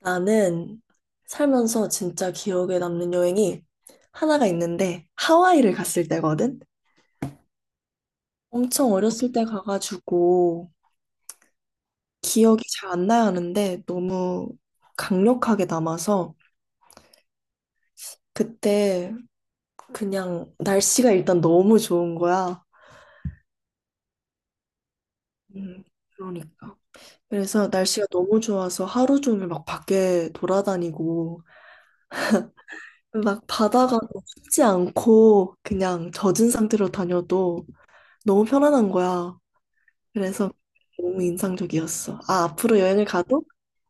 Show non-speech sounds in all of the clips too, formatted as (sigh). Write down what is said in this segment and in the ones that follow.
나는 살면서 진짜 기억에 남는 여행이 하나가 있는데 하와이를 갔을 때거든. 엄청 어렸을 때 가가지고 기억이 잘 안 나야 하는데 너무 강력하게 남아서 그때 그냥 날씨가 일단 너무 좋은 거야. 음, 그러니까. 그래서 날씨가 너무 좋아서 하루 종일 막 밖에 돌아다니고 막 바다가 춥지 않고 그냥 젖은 상태로 다녀도 너무 편안한 거야. 그래서 너무 인상적이었어. 아, 앞으로 여행을 가도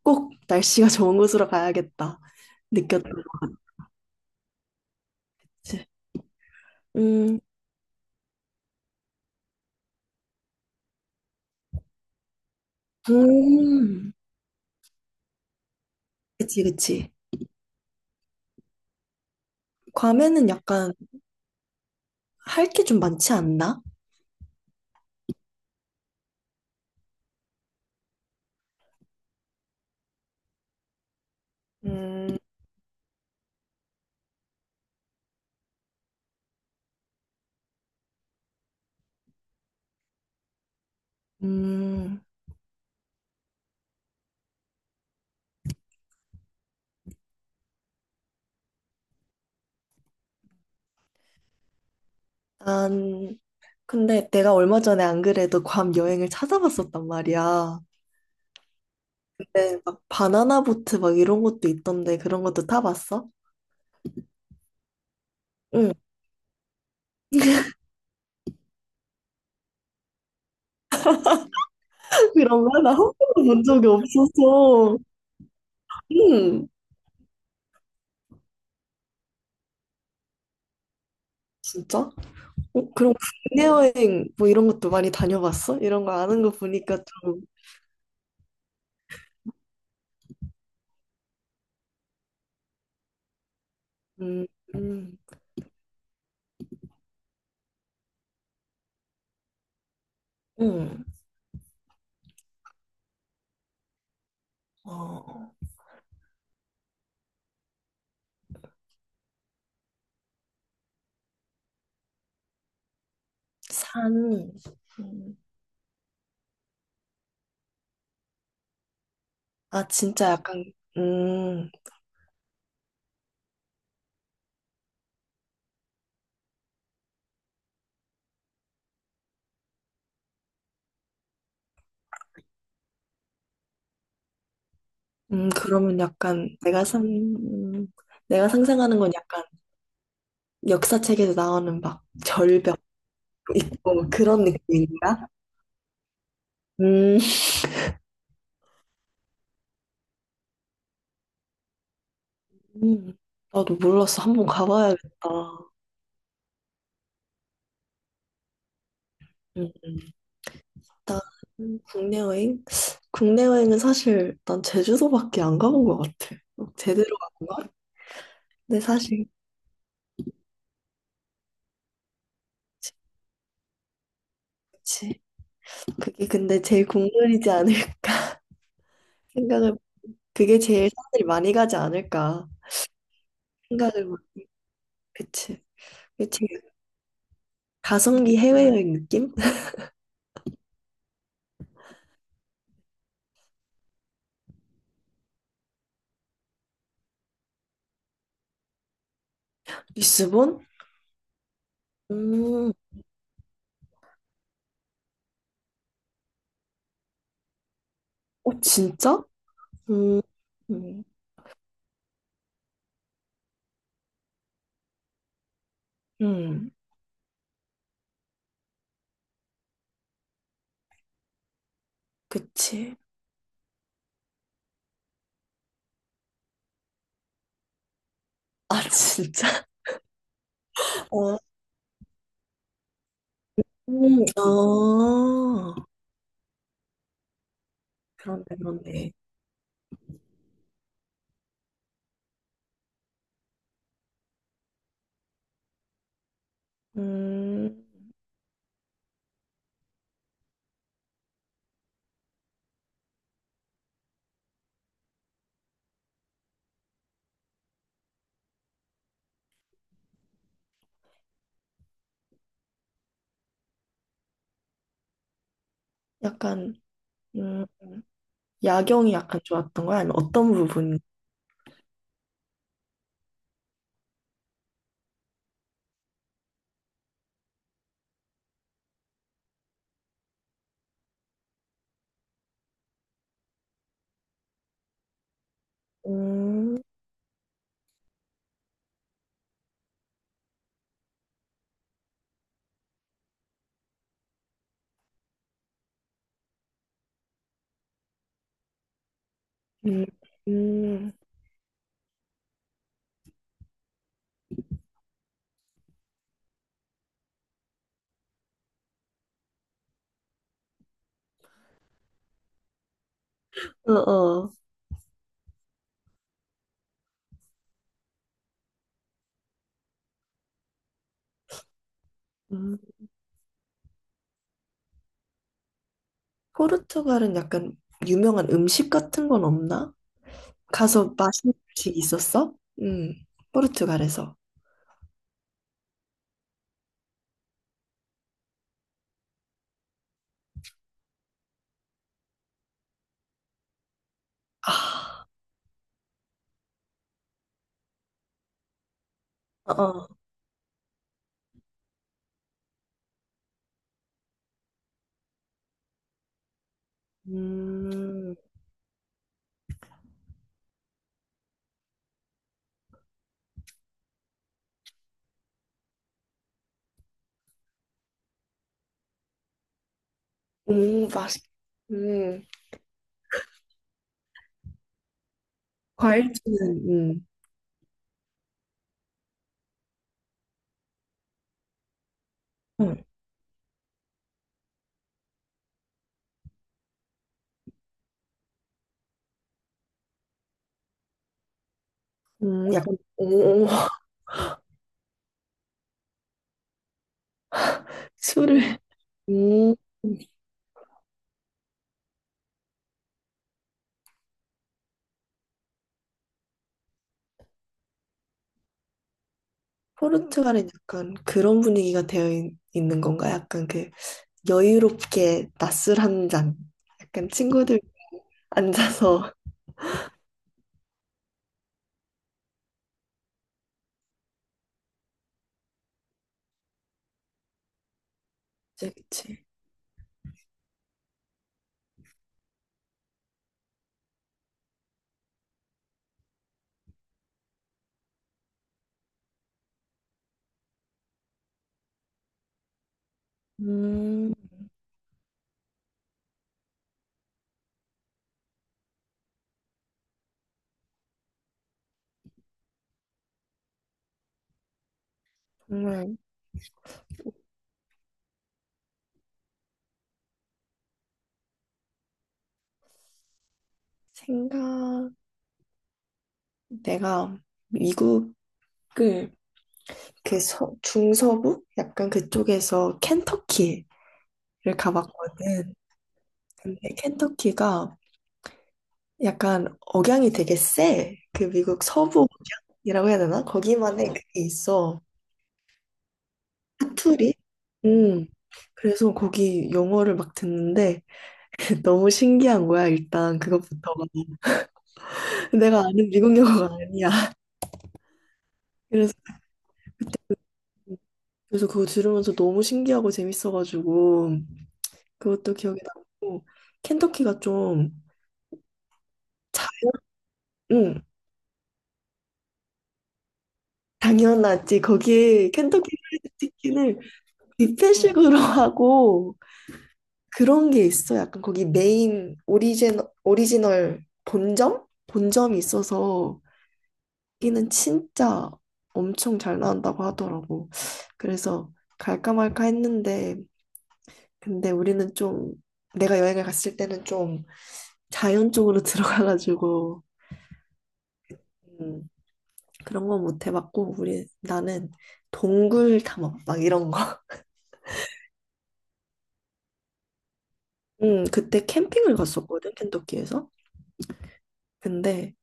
꼭 날씨가 (laughs) 좋은 곳으로 가야겠다. 느꼈던 거지. 음, 음, 그치, 그치. 괌에는 약간 할 게 좀 많지 않나? 음, 음, 난, 근데 내가 얼마 전에 안 그래도 괌 여행을 찾아봤었단 말이야. 근데 막 바나나 보트 막 이런 것도 있던데 그런 것도 타봤어? 응. (laughs) 이런 말 나 한 번도 본 적이 없어서. 응, 진짜? 어, 그럼 국내 여행 뭐 이런 것도 많이 다녀봤어? 이런 거 아는 거 보니까 좀, 음, 음, 음, 어, 산, 음, 아, 진짜 약간, 음, 그러면 약간 내가 상, 내가 상상하는 건 약간 역사책에서 나오는 막 절벽 있고 막 그런 느낌인가? 음, 음, 나도 몰랐어. 한 번 가봐야겠다. 음, 음. 일단 국내 여행? 국내 여행은 사실 난 제주도밖에 안 가본 것 같아. 어, 제대로 안 가? 근데 사실 그치. 그게 근데 제일 국룰이지 않을까 (laughs) 생각을 그게 제일 사람들이 많이 가지 않을까 생각을 못- 그치. 그게 제일 가성비 해외여행 느낌? (laughs) 리스본? 음, 어 진짜? 음, 음, 음, 그치. 아 진짜? (laughs) 어, 아, 그런데 그런데. 음, 약간 음. 야경이 약간 좋았던 거야? 아니면 어떤 부분? 음, 음, 음, 어, 어. 음. 포르투갈은 약간 유명한 음식 같은 건 없나? 가서 맛있는 음식 있었어? 음, 포르투갈에서. 아, 어, 어. 음. 오, 맛있, 음, 과일주는, 음, 약간, 오, 오, (laughs) 술을. 음. 포르투갈은 약간 그런 분위기가 되어 있, 는 건가? 약간 그 여유롭게 낮술 한 잔. 약간 친구들 앉아서. 그치, 그치. 음, 정말 생각, 내가 미국을 그 서, 중서부? 약간 그쪽에서 켄터키를 가봤거든. 근데 켄터키가 약간 억양이 되게 세. 그 미국 서부 억양이라고 해야 되나? 거기만의 그게 있어. 사투리? 음, 그래서 거기 영어를 막 듣는데 (laughs) 너무 신기한 거야, 일단 그것부터가. (laughs) 내가 아는 미국 영화가 아니야. (laughs) 그래서 그래서 그거 들으면서 너무 신기하고 재밌어가지고 그것도 기억에 남고 켄터키가 좀 응, 당연하지. 거기 켄터키 프라이드 치킨을 뷔페식으로 (laughs) 하고 그런 게 있어. 약간 거기 메인 오리지널 본점? 본점이 있어서 여기는 진짜 엄청 잘 나온다고 하더라고. 그래서 갈까 말까 했는데, 근데 우리는 좀, 내가 여행을 갔을 때는 좀 자연 쪽으로 (laughs) 들어가가지고, 음, 그런 건 못 해봤고, 우리, 나는 동굴 탐험, 막 이런 거. 그때 캠핑을 갔었거든, 켄터키에서. 근데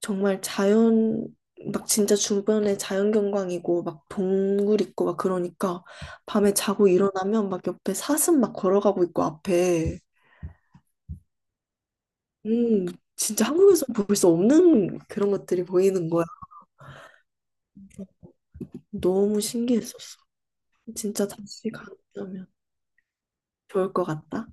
정말 자연 막 진짜 주변에 자연 경관이고 막 동굴 있고 막 그러니까 밤에 자고 일어나면 막 옆에 사슴 막 걸어가고 있고 앞에 음 진짜 한국에서 볼 수 없는 그런 것들이 보이는 거야. 너무 신기했었어. 진짜 다시 가면 좋을 것 같다.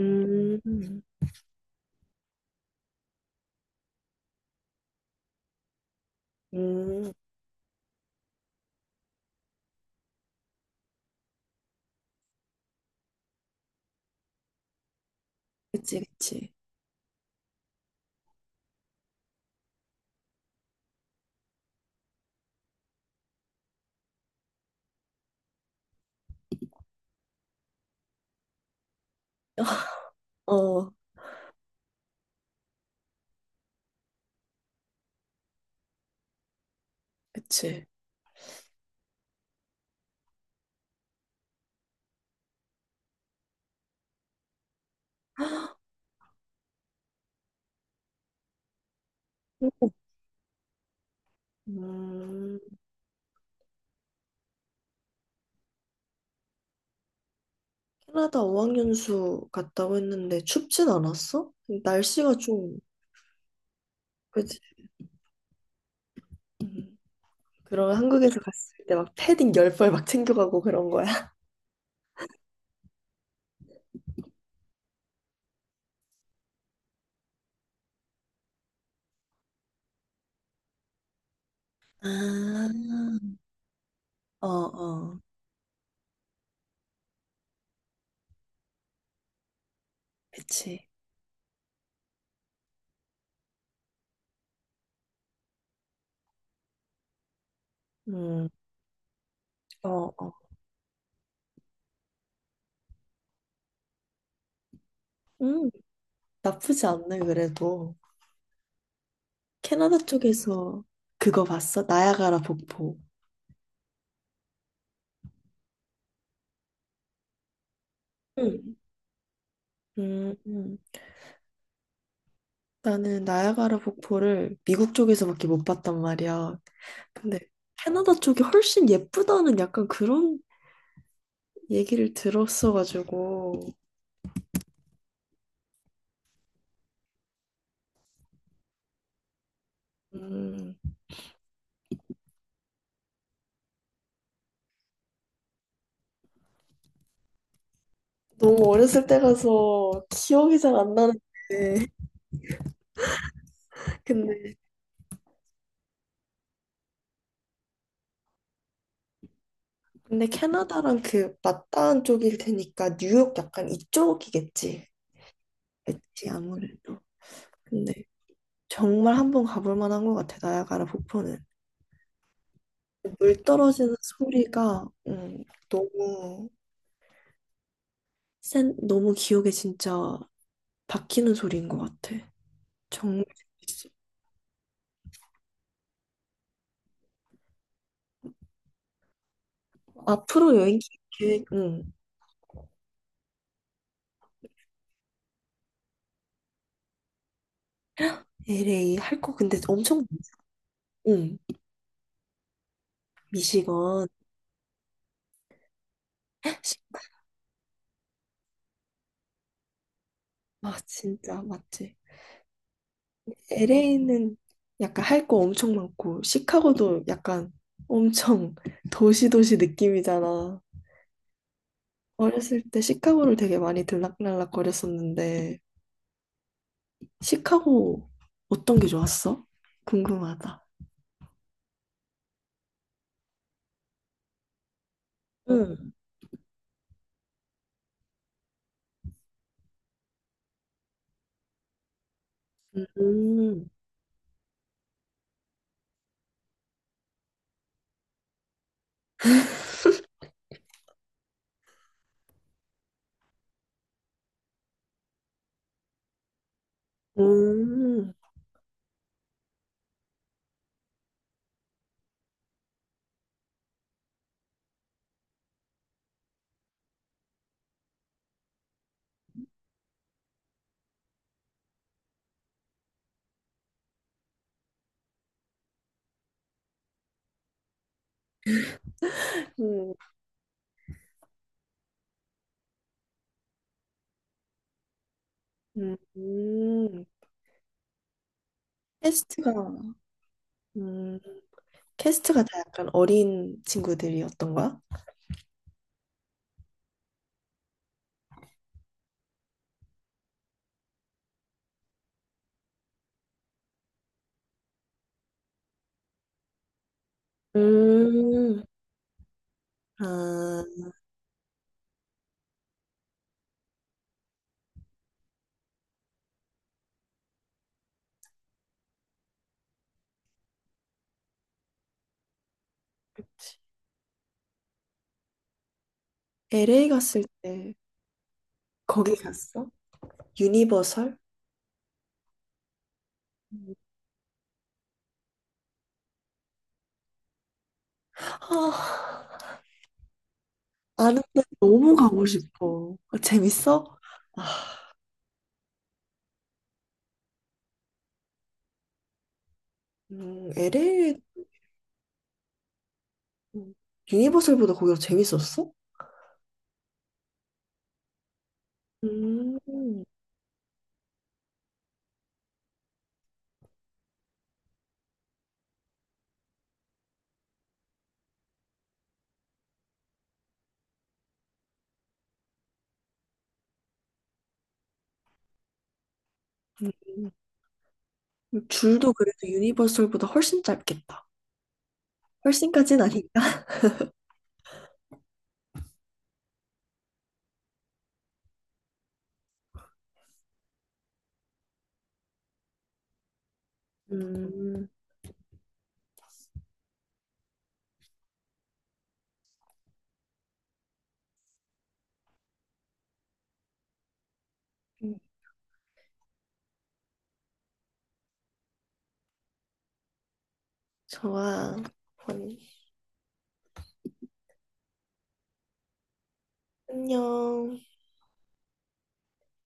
음, 음, 그치, 그치. 어, 그치. 오. 음, 캐나다 어학연수 갔다고 했는데 춥진 않았어? 날씨가 좀 그치. 음. 그러면 한국에서 갔을 때 막 패딩 열벌 막 챙겨가고 그런 거야. (laughs) 아, 어, 어, 그치. 음, 어, 어. 음, 나쁘지 않네, 그래도. 캐나다 쪽에서 그거 봤어? 나야가라 폭포. 응 음, 음. 나는 나야가라 폭포를 미국 쪽에서밖에 못 봤단 말이야. 근데 캐나다 쪽이 훨씬 예쁘다는 약간 그런 얘기를 들었어가지고. 음, 너무 어렸을 때 가서 기억이 잘 안 나는데. (laughs) 근데, 근데 캐나다랑 그 맞닿은 쪽일 테니까 뉴욕 약간 이쪽이겠지. 그치, 아무래도. 근데 정말 한 번 가볼 만한 것 같아, 나야가라 폭포는. 물 떨어지는 소리가 너무 센, 너무 기억에 진짜 박히는 소리인 것 같아. 정말 재밌어. 앞으로 여행 계획, 응, LA 할 거 근데 엄청 많아. 응, 미시건. 아, 진짜 맞지. LA는 약간 할 거 엄청 많고, 시카고도 약간 엄청 (laughs) 도시도시 느낌이잖아. 어렸을 때 시카고를 되게 많이 들락날락 거렸었는데, 시카고 어떤 게 좋았어? 궁금하다. 응. 음, 음, 음, 음, 음. 캐스트가, 음, 캐스트가 다 약간 어린 친구들이었던 거야? 음, 아, LA 갔을 때 거기 갔어? 유니버설? 음. 아, 아는데 너무 가고 싶어. 아, 재밌어? LA 유니버설보다 거기가 재밌었어? 음, 음. 줄도 그래도 유니버설보다 훨씬 짧겠다. 훨씬까진 아닌가? 음, 좋아. 음, 안녕.